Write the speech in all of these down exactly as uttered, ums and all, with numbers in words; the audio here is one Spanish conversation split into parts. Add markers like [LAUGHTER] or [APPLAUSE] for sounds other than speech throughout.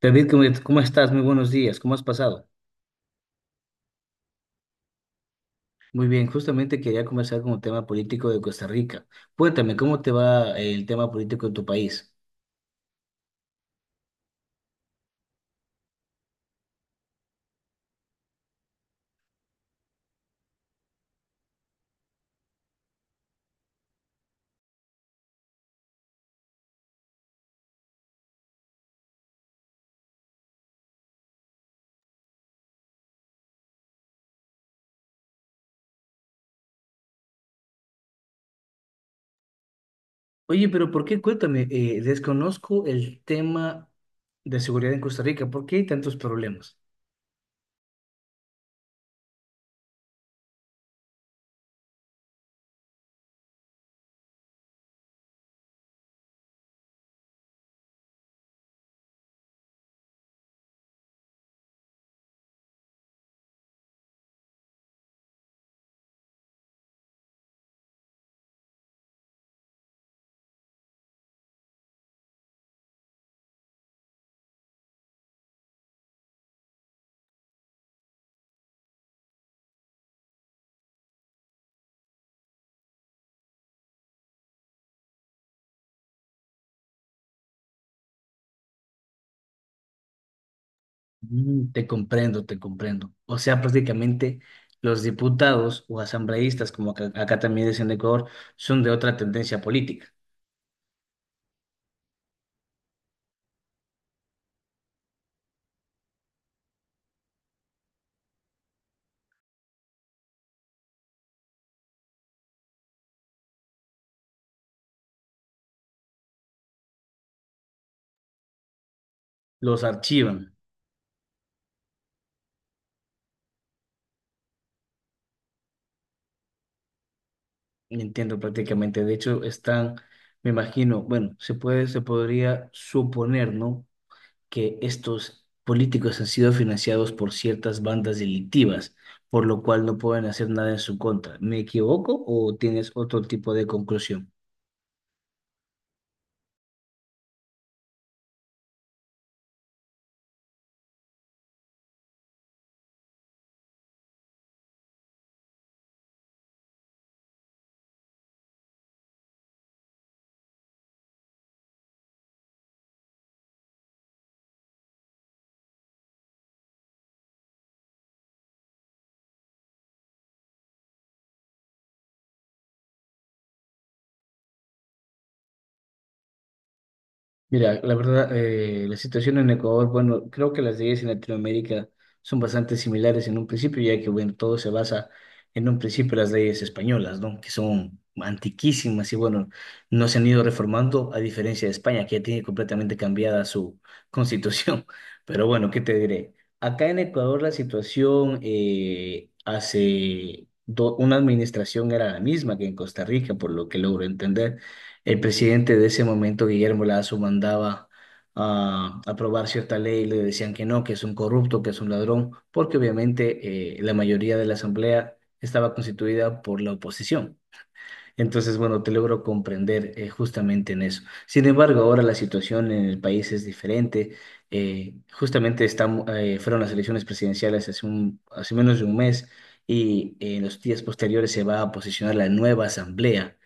David, ¿cómo cómo estás? Muy buenos días. ¿Cómo has pasado? Muy bien, justamente quería conversar con el tema político de Costa Rica. Cuéntame, ¿cómo te va el tema político en tu país? Oye, pero ¿por qué? Cuéntame, eh, desconozco el tema de seguridad en Costa Rica. ¿Por qué hay tantos problemas? Mm, te comprendo, te comprendo. O sea, prácticamente los diputados o asambleístas, como acá, acá también dicen en Ecuador, son de otra tendencia política. Los archivan. Entiendo prácticamente. De hecho, están, me imagino, bueno, se puede, se podría suponer, ¿no? Que estos políticos han sido financiados por ciertas bandas delictivas, por lo cual no pueden hacer nada en su contra. ¿Me equivoco o tienes otro tipo de conclusión? Mira, la verdad, eh, la situación en Ecuador, bueno, creo que las leyes en Latinoamérica son bastante similares en un principio, ya que, bueno, todo se basa en un principio en las leyes españolas, ¿no? Que son antiquísimas y, bueno, no se han ido reformando, a diferencia de España, que ya tiene completamente cambiada su constitución. [LAUGHS] Pero bueno, ¿qué te diré? Acá en Ecuador la situación eh, hace do- una administración era la misma que en Costa Rica, por lo que logro entender el presidente de ese momento, Guillermo Lazo, mandaba a aprobar cierta ley y le decían que no, que es un corrupto, que es un ladrón, porque obviamente eh, la mayoría de la asamblea estaba constituida por la oposición. Entonces, bueno, te logro comprender eh, justamente en eso. Sin embargo, ahora la situación en el país es diferente. Eh, justamente estamos, eh, fueron las elecciones presidenciales hace un, hace menos de un mes y eh, en los días posteriores se va a posicionar la nueva asamblea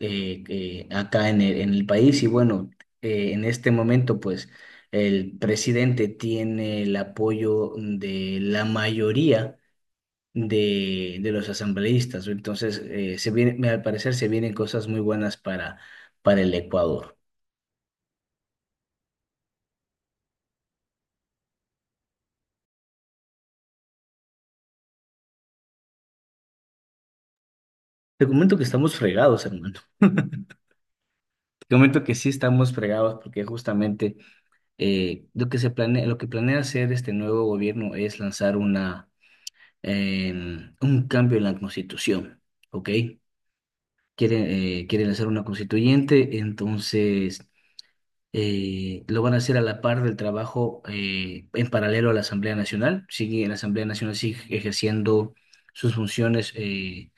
eh, eh, acá en el, en el país. Y bueno, eh, en este momento, pues, el presidente tiene el apoyo de la mayoría de, de los asambleístas. Entonces, eh, se viene, al parecer se vienen cosas muy buenas para, para el Ecuador. Te comento que estamos fregados, hermano. Te comento que sí estamos fregados porque justamente eh, lo que se planea, lo que planea hacer este nuevo gobierno es lanzar una, eh, un cambio en la constitución, ¿ok? Quieren, eh, quieren hacer una constituyente, entonces eh, lo van a hacer a la par del trabajo eh, en paralelo a la Asamblea Nacional. Sigue, la Asamblea Nacional sigue ejerciendo sus funciones eh,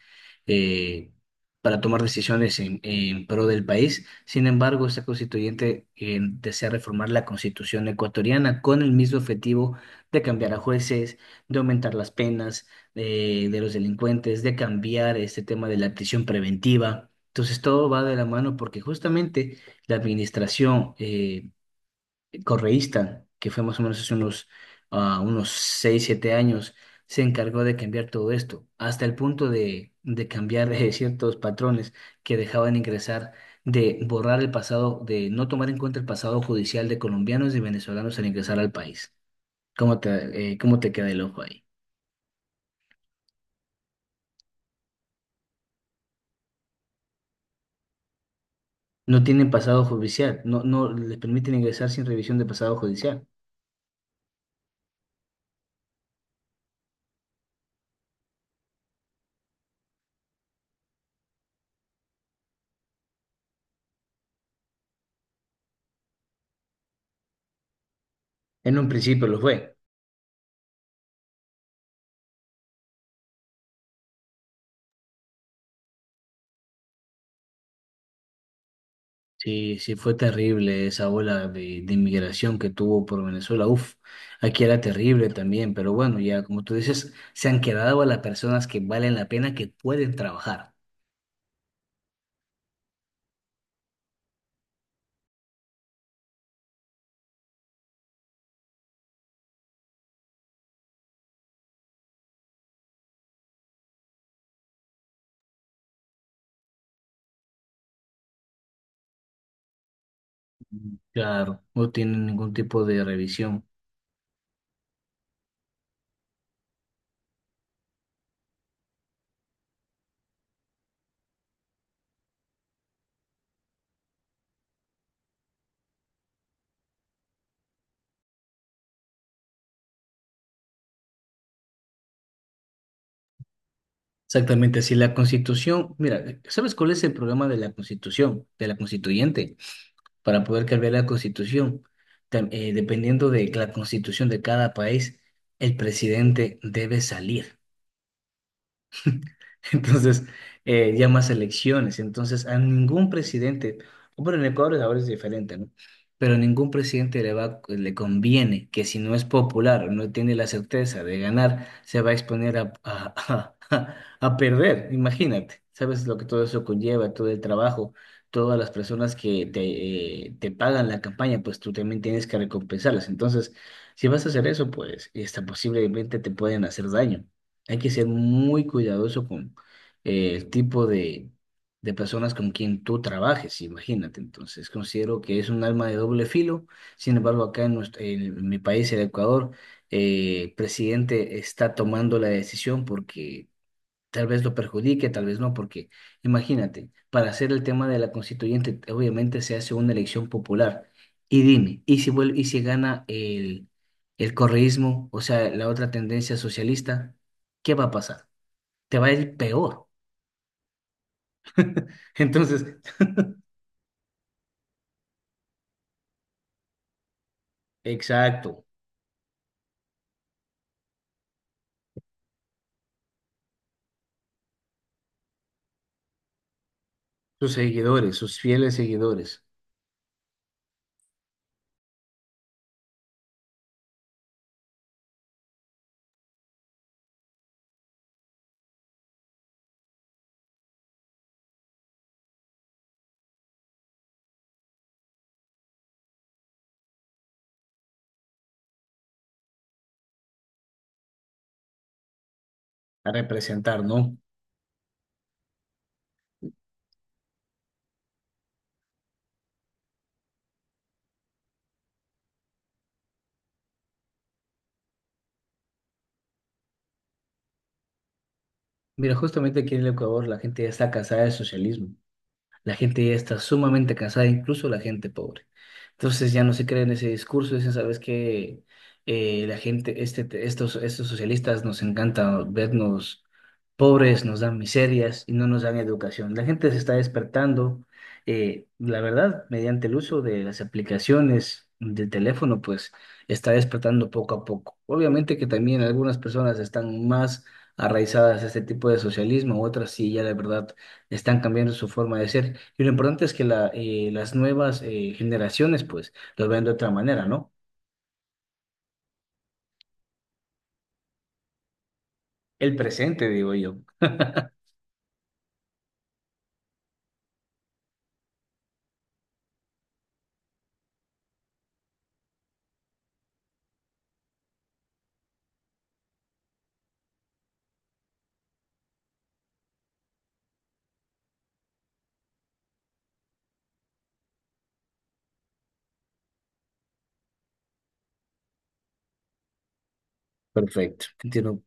eh, para tomar decisiones en, en pro del país. Sin embargo, esta constituyente eh, desea reformar la constitución ecuatoriana con el mismo objetivo de cambiar a jueces, de aumentar las penas eh, de los delincuentes, de cambiar este tema de la prisión preventiva. Entonces todo va de la mano porque justamente la administración eh, correísta, que fue más o menos hace unos, ah, unos seis o siete años, se encargó de cambiar todo esto, hasta el punto de, de cambiar eh, [LAUGHS] ciertos patrones que dejaban ingresar, de borrar el pasado, de no tomar en cuenta el pasado judicial de colombianos y venezolanos al ingresar al país. ¿Cómo te, eh, cómo te queda el ojo ahí? No tienen pasado judicial, no, no les permiten ingresar sin revisión de pasado judicial. En un principio lo fue. Sí, sí, fue terrible esa ola de, de inmigración que tuvo por Venezuela. Uf, aquí era terrible también, pero bueno, ya como tú dices, se han quedado a las personas que valen la pena, que pueden trabajar. Claro, no tienen ningún tipo de revisión. Exactamente, si la Constitución, mira, ¿sabes cuál es el problema de la Constitución, de la constituyente? Para poder cambiar la Constitución, tam- eh, dependiendo de la Constitución de cada país, el presidente debe salir. [LAUGHS] Entonces, eh, ya más elecciones. Entonces, a ningún presidente, bueno, en Ecuador ahora es diferente, ¿no? Pero a ningún presidente le va, le conviene que si no es popular o no tiene la certeza de ganar, se va a exponer a, a, [LAUGHS] a- a perder. Imagínate, ¿sabes lo que todo eso conlleva? Todo el trabajo, todas las personas que te, eh, te pagan la campaña, pues tú también tienes que recompensarlas. Entonces, si vas a hacer eso, pues, hasta posiblemente te pueden hacer daño. Hay que ser muy cuidadoso eh, el tipo de, de personas con quien tú trabajes, imagínate. Entonces, considero que es un alma de doble filo. Sin embargo, acá en, nuestro- en mi país, el Ecuador, eh, el presidente está tomando la decisión porque tal vez lo perjudique, tal vez no, porque imagínate, para hacer el tema de la constituyente, obviamente se hace una elección popular. Y dime, ¿y si vuelve, ¿y si gana el, el correísmo, o sea, la otra tendencia socialista, qué va a pasar? Te va a ir peor. [LAUGHS] Entonces, exacto, sus seguidores, sus fieles seguidores a representar, ¿no? Mira, justamente aquí en el Ecuador la gente ya está cansada del socialismo. La gente ya está sumamente cansada, incluso la gente pobre. Entonces ya no se cree en ese discurso, dicen, ¿sabes que la gente, este, te- estos, estos socialistas nos encanta vernos pobres, nos dan miserias y no nos dan educación? La gente se está despertando, eh, la verdad, mediante el uso de las aplicaciones del teléfono, pues está despertando poco a poco. Obviamente que también algunas personas están más arraizadas a este tipo de socialismo, otras sí, ya la verdad están cambiando su forma de ser. Y lo importante es que la, eh, las nuevas eh, generaciones, pues, lo ven de otra manera, ¿no? El presente, digo yo. Perfecto, te entiendo,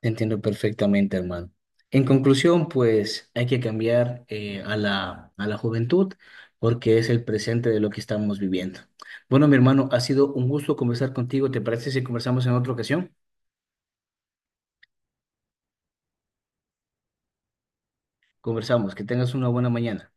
te entiendo perfectamente, hermano. En conclusión, pues, hay que cambiar eh, a la, a la juventud porque es el presente de lo que estamos viviendo. Bueno, mi hermano, ha sido un gusto conversar contigo. ¿Te parece si conversamos en otra ocasión? Conversamos. Que tengas una buena mañana.